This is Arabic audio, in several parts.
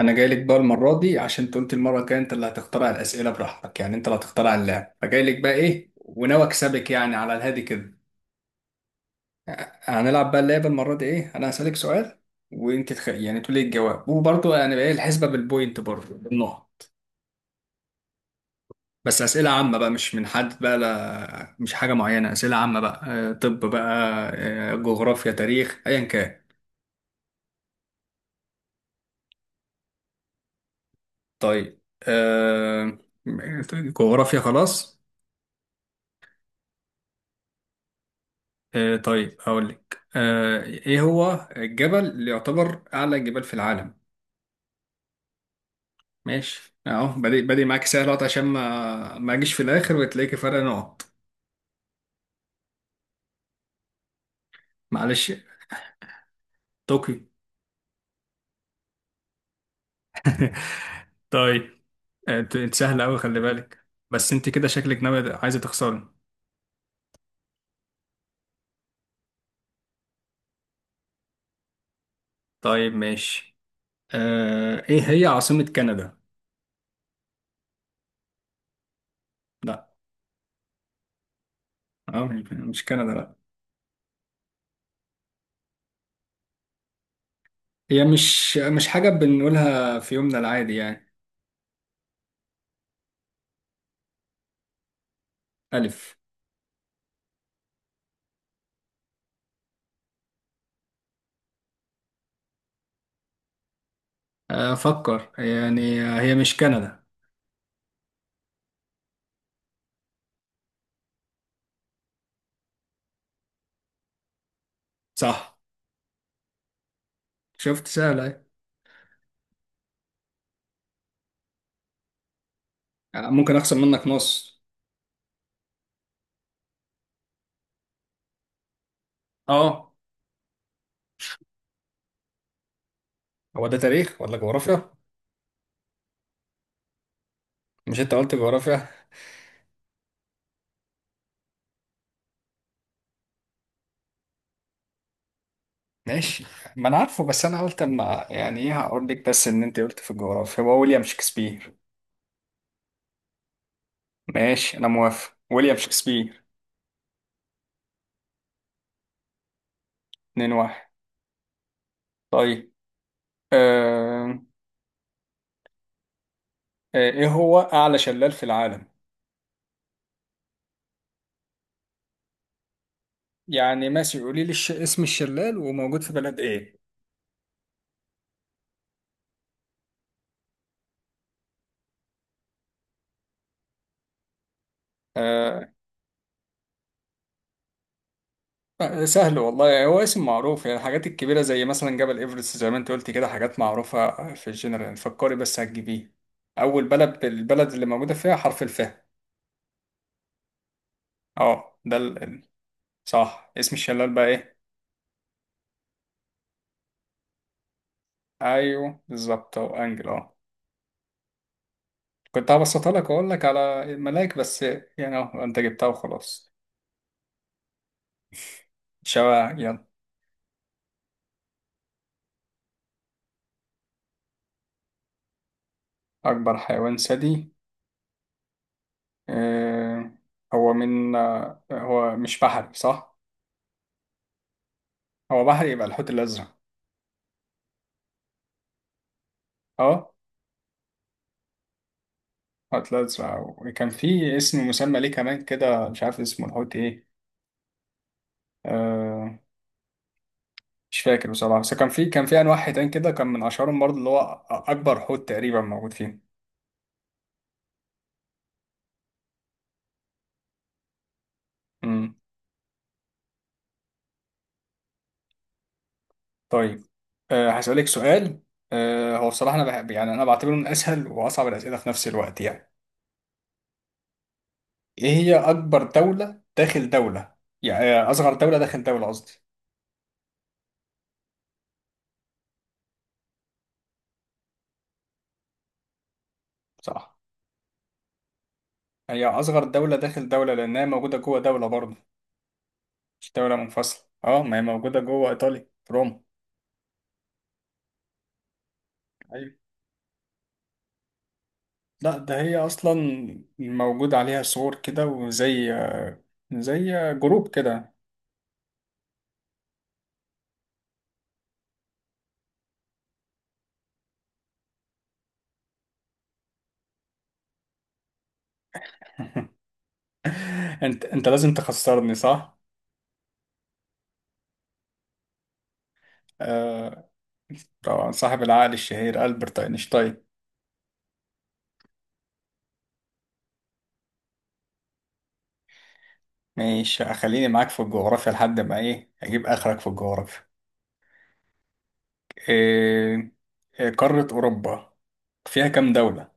انا جاي لك بقى المره دي عشان انت قلت المره الجايه انت اللي هتخترع الاسئله براحتك، يعني انت اللي هتخترع اللعب، فجاي لك بقى ايه وناوي اكسبك يعني على الهادي كده. هنلعب بقى اللعبه المره دي ايه، انا هسالك سؤال وانت تخ... يعني تقولي الجواب، وبرضه يعني بقى ايه الحسبه بالبوينت، برضه بالنقط. بس اسئله عامه بقى، مش من حد بقى، لا مش حاجه معينه، اسئله عامه بقى. آه، طب بقى آه، جغرافيا، تاريخ، ايا كان. طيب. آه، جغرافيا خلاص. طيب، هقول لك. ايه هو الجبل اللي يعتبر اعلى جبال في العالم؟ ماشي اهو، بادئ بادئ معاك سهل أهوت عشان ما اجيش في الاخر وتلاقي فرق نقط. معلش. طوكيو. طيب. انت أنت سهل قوي، خلي بالك بس، انت كده شكلك ناوي عايزه تخسري. طيب ماشي. ايه هي عاصمة كندا؟ لا. اه، مش كندا، لا. هي مش حاجة بنقولها في يومنا العادي يعني. ألف. أفكر يعني، هي مش كندا. صح. شفت سهلة اهي. ممكن أخسر منك نص. اه، هو ده تاريخ ولا جغرافيا؟ مش انت قلت جغرافيا؟ ماشي، ما انا عارفه، بس انا قلت اما يعني ايه هقول لك بس ان انت قلت في الجغرافيا. هو ويليام شكسبير. ماشي انا موافق، ويليام شكسبير. 2 1. طيب. آه... ايه هو اعلى شلال في العالم؟ يعني ماشي، قولي لي اسم الشلال، وموجود في بلد ايه. آه، سهل والله يعني، هو اسم معروف، يعني الحاجات الكبيرة زي مثلا جبل إيفرست زي ما انت قلت كده، حاجات معروفة في الجنرال يعني. فكري بس هتجيبيه. أول بلد، البلد اللي موجودة فيها حرف الفاء. اه ده صح. اسم الشلال بقى ايه؟ أيوه بالظبط أهو، أنجل اه. كنت هبسطها لك وأقول لك على الملاك بس، يعني اه انت جبتها وخلاص. شبع يلا. أكبر حيوان ثدي. آه هو من، هو مش بحري صح؟ هو بحري، يبقى الحوت الأزرق. اه، حوت الأزرق، وكان في اسم مسمى ليه كمان كده، مش عارف اسمه الحوت إيه. آه مش فاكر بصراحة، بس كان في أنواع حيتان كده، كان من أشهرهم برضه اللي هو أكبر حوت تقريبا موجود فيه. امم. طيب. هسألك سؤال. هو بصراحة أنا بحب، يعني أنا بعتبره من أسهل وأصعب الأسئلة في نفس الوقت يعني. إيه هي أكبر دولة داخل دولة؟ يعني أصغر دولة داخل دولة قصدي. صح. هي أصغر دولة داخل دولة لأنها موجودة جوه دولة برضه، مش دولة منفصلة. أه، ما هي موجودة جوه إيطاليا في روما. لا ده هي اصلا موجود عليها صور كده، وزي زي جروب كده. انت لازم تخسرني صح. آه طبعا، صاحب العقل الشهير ألبرت أينشتاين. ماشي خليني معاك في الجغرافيا لحد ما ايه، اجيب اخرك في الجغرافيا. إيه، قارة أوروبا فيها كام دولة؟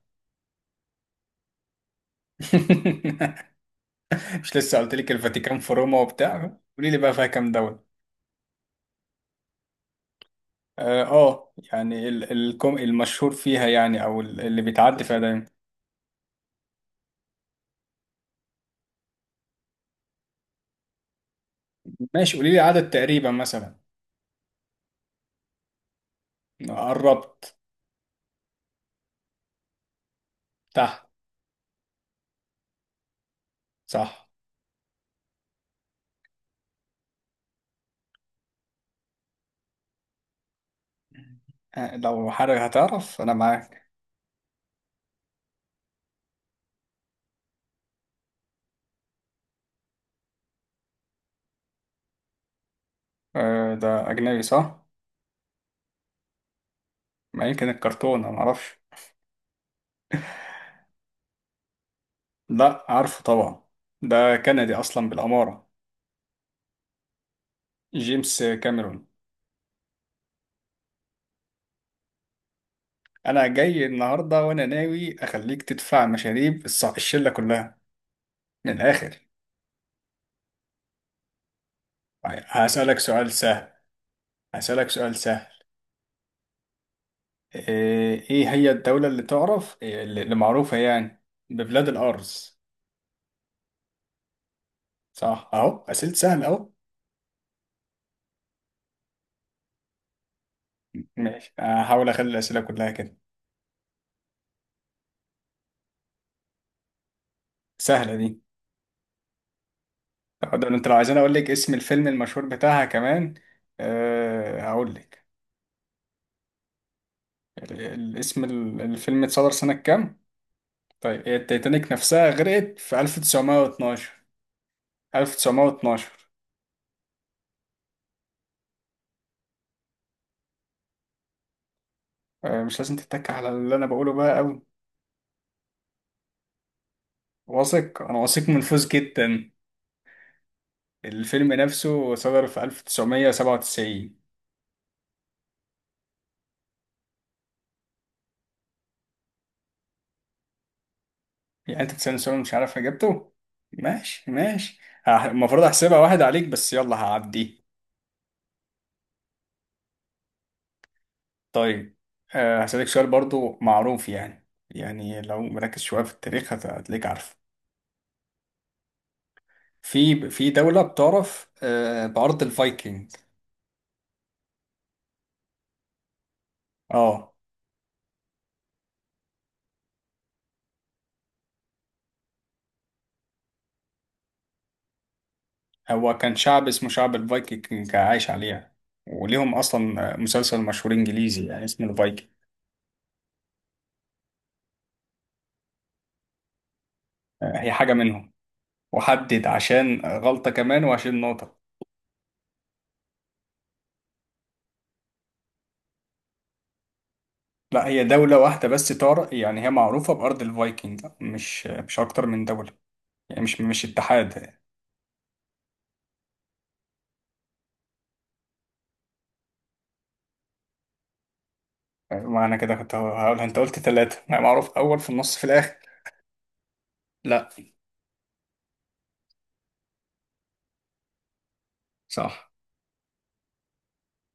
مش لسه قلت لك الفاتيكان في روما وبتاع؟ قولي لي بقى فيها كام دولة. اه يعني الكم المشهور فيها يعني، او اللي بيتعدي فيها دايما. ماشي قولي لي عدد تقريبا مثلا. قربت. تحت. صح. لو حضرتك هتعرف انا معاك. ده اجنبي صح؟ ما يمكن الكرتون، انا معرفش. لا عارفه طبعا، ده كندي اصلا بالاماره. جيمس كاميرون. انا جاي النهارده وانا ناوي اخليك تدفع مشاريب الشله كلها، من الاخر. هسألك سؤال سهل. هسألك سؤال سهل. ايه، إيه هي الدولة اللي تعرف اللي معروفة يعني ببلاد الأرز؟ صح اهو، أسئلة سهلة اهو. ماشي هحاول اخلي الأسئلة كلها كده. سهلة دي. طب ده انت لو عايزين اقول لك اسم الفيلم المشهور بتاعها كمان. أه هقول لك. اسم الفيلم اتصدر سنة كام. طيب هي التيتانيك نفسها غرقت في 1912. 1912. أه مش لازم تتك على اللي انا بقوله بقى قوي. واثق، انا واثق من فوز جدا. الفيلم نفسه صدر في 1997. يعني انت تسألني سؤال مش عارف اجابته. ماشي ماشي. المفروض احسبها واحد عليك بس يلا هعدي. طيب. هسألك سؤال برضو معروف يعني، يعني لو مركز شوية في التاريخ هتلاقيك عارف. في دولة بتعرف بأرض الفايكنج. اه، هو كان شعب اسمه شعب الفايكنج عايش عليها، وليهم اصلا مسلسل مشهور انجليزي يعني اسمه الفايكنج. هي حاجة منهم. وحدد عشان غلطة كمان وعشان نقطة. لا هي دولة واحدة بس تار، يعني هي معروفة بأرض الفايكنج، مش أكتر من دولة، يعني مش اتحاد. معنى كده كنت هقولها، أنت قلت ثلاثة يعني معروف، أول في النص في الآخر. لا. صح.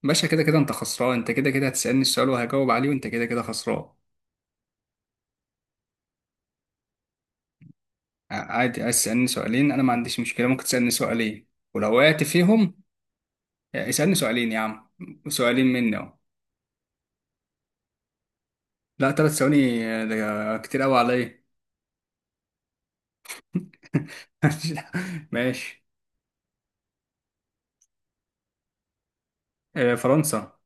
باشا كده كده أنت خسران، أنت كده كده هتسألني السؤال وهجاوب عليه، وأنت كده كده خسران. عادي، عايز تسألني سؤالين أنا ما عنديش مشكلة، ممكن تسألني سؤالين، ولو وقعت فيهم. اسألني سؤالين يا عم. سؤالين مني أهو. لا ثلاث ثواني، ده كتير قوي عليا. ماشي. فرنسا.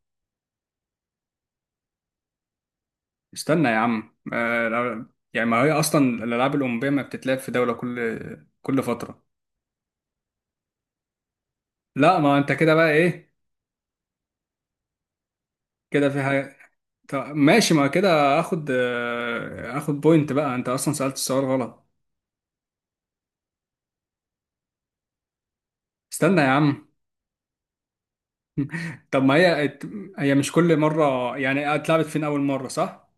استنى يا عم يعني ما هي اصلا الالعاب الاولمبيه ما بتتلعب في دوله كل فتره. لا ما انت كده بقى ايه. كده في حاجه. طب ماشي، ما كده اخد اخد بوينت بقى، انت اصلا سالت السؤال غلط. استنى يا عم. طب ما هي، هي مش كل مره يعني، اتلعبت فين اول مره صح.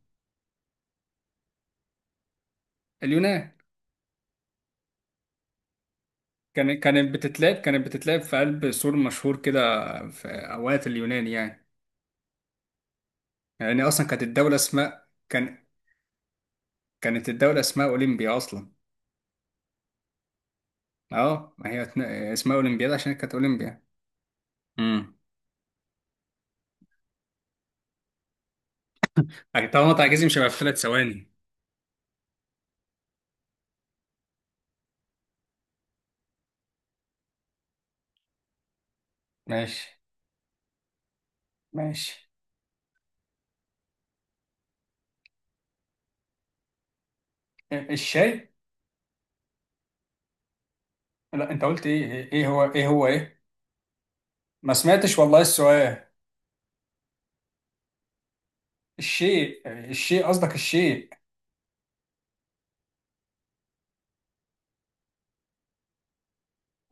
اليونان. كانت بتتلعب في قلب سور مشهور كده، في اوقات اليونان يعني. لأن أصلا كانت الدولة اسمها كان، كانت الدولة اسمها أولمبيا أصلا. أه ما هي اسمها أولمبياد عشان كانت أولمبيا. امم. طالما تعجزي مش هيبقى في ثلاث ثواني. ماشي ماشي. الشيء. لا انت قلت ايه ايه، إيه هو، ايه هو ايه؟ ما سمعتش والله السؤال. الشيء، الشيء قصدك الشيء.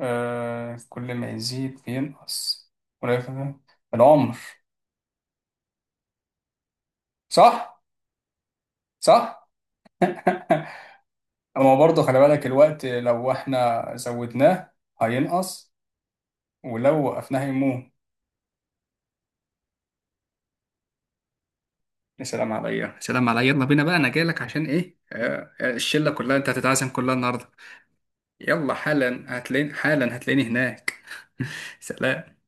آه كل ما يزيد بينقص ولا يفهم. العمر. صح. صح. اما برضه خلي بالك، الوقت لو احنا زودناه هينقص، ولو وقفناها يموت. يا سلام عليا يا سلام عليا، يلا بينا بقى، انا جايلك عشان ايه، الشله كلها انت هتتعزم كلها النهارده. يلا حالا هتلاقيني، حالا هتلاقيني هناك. سلام.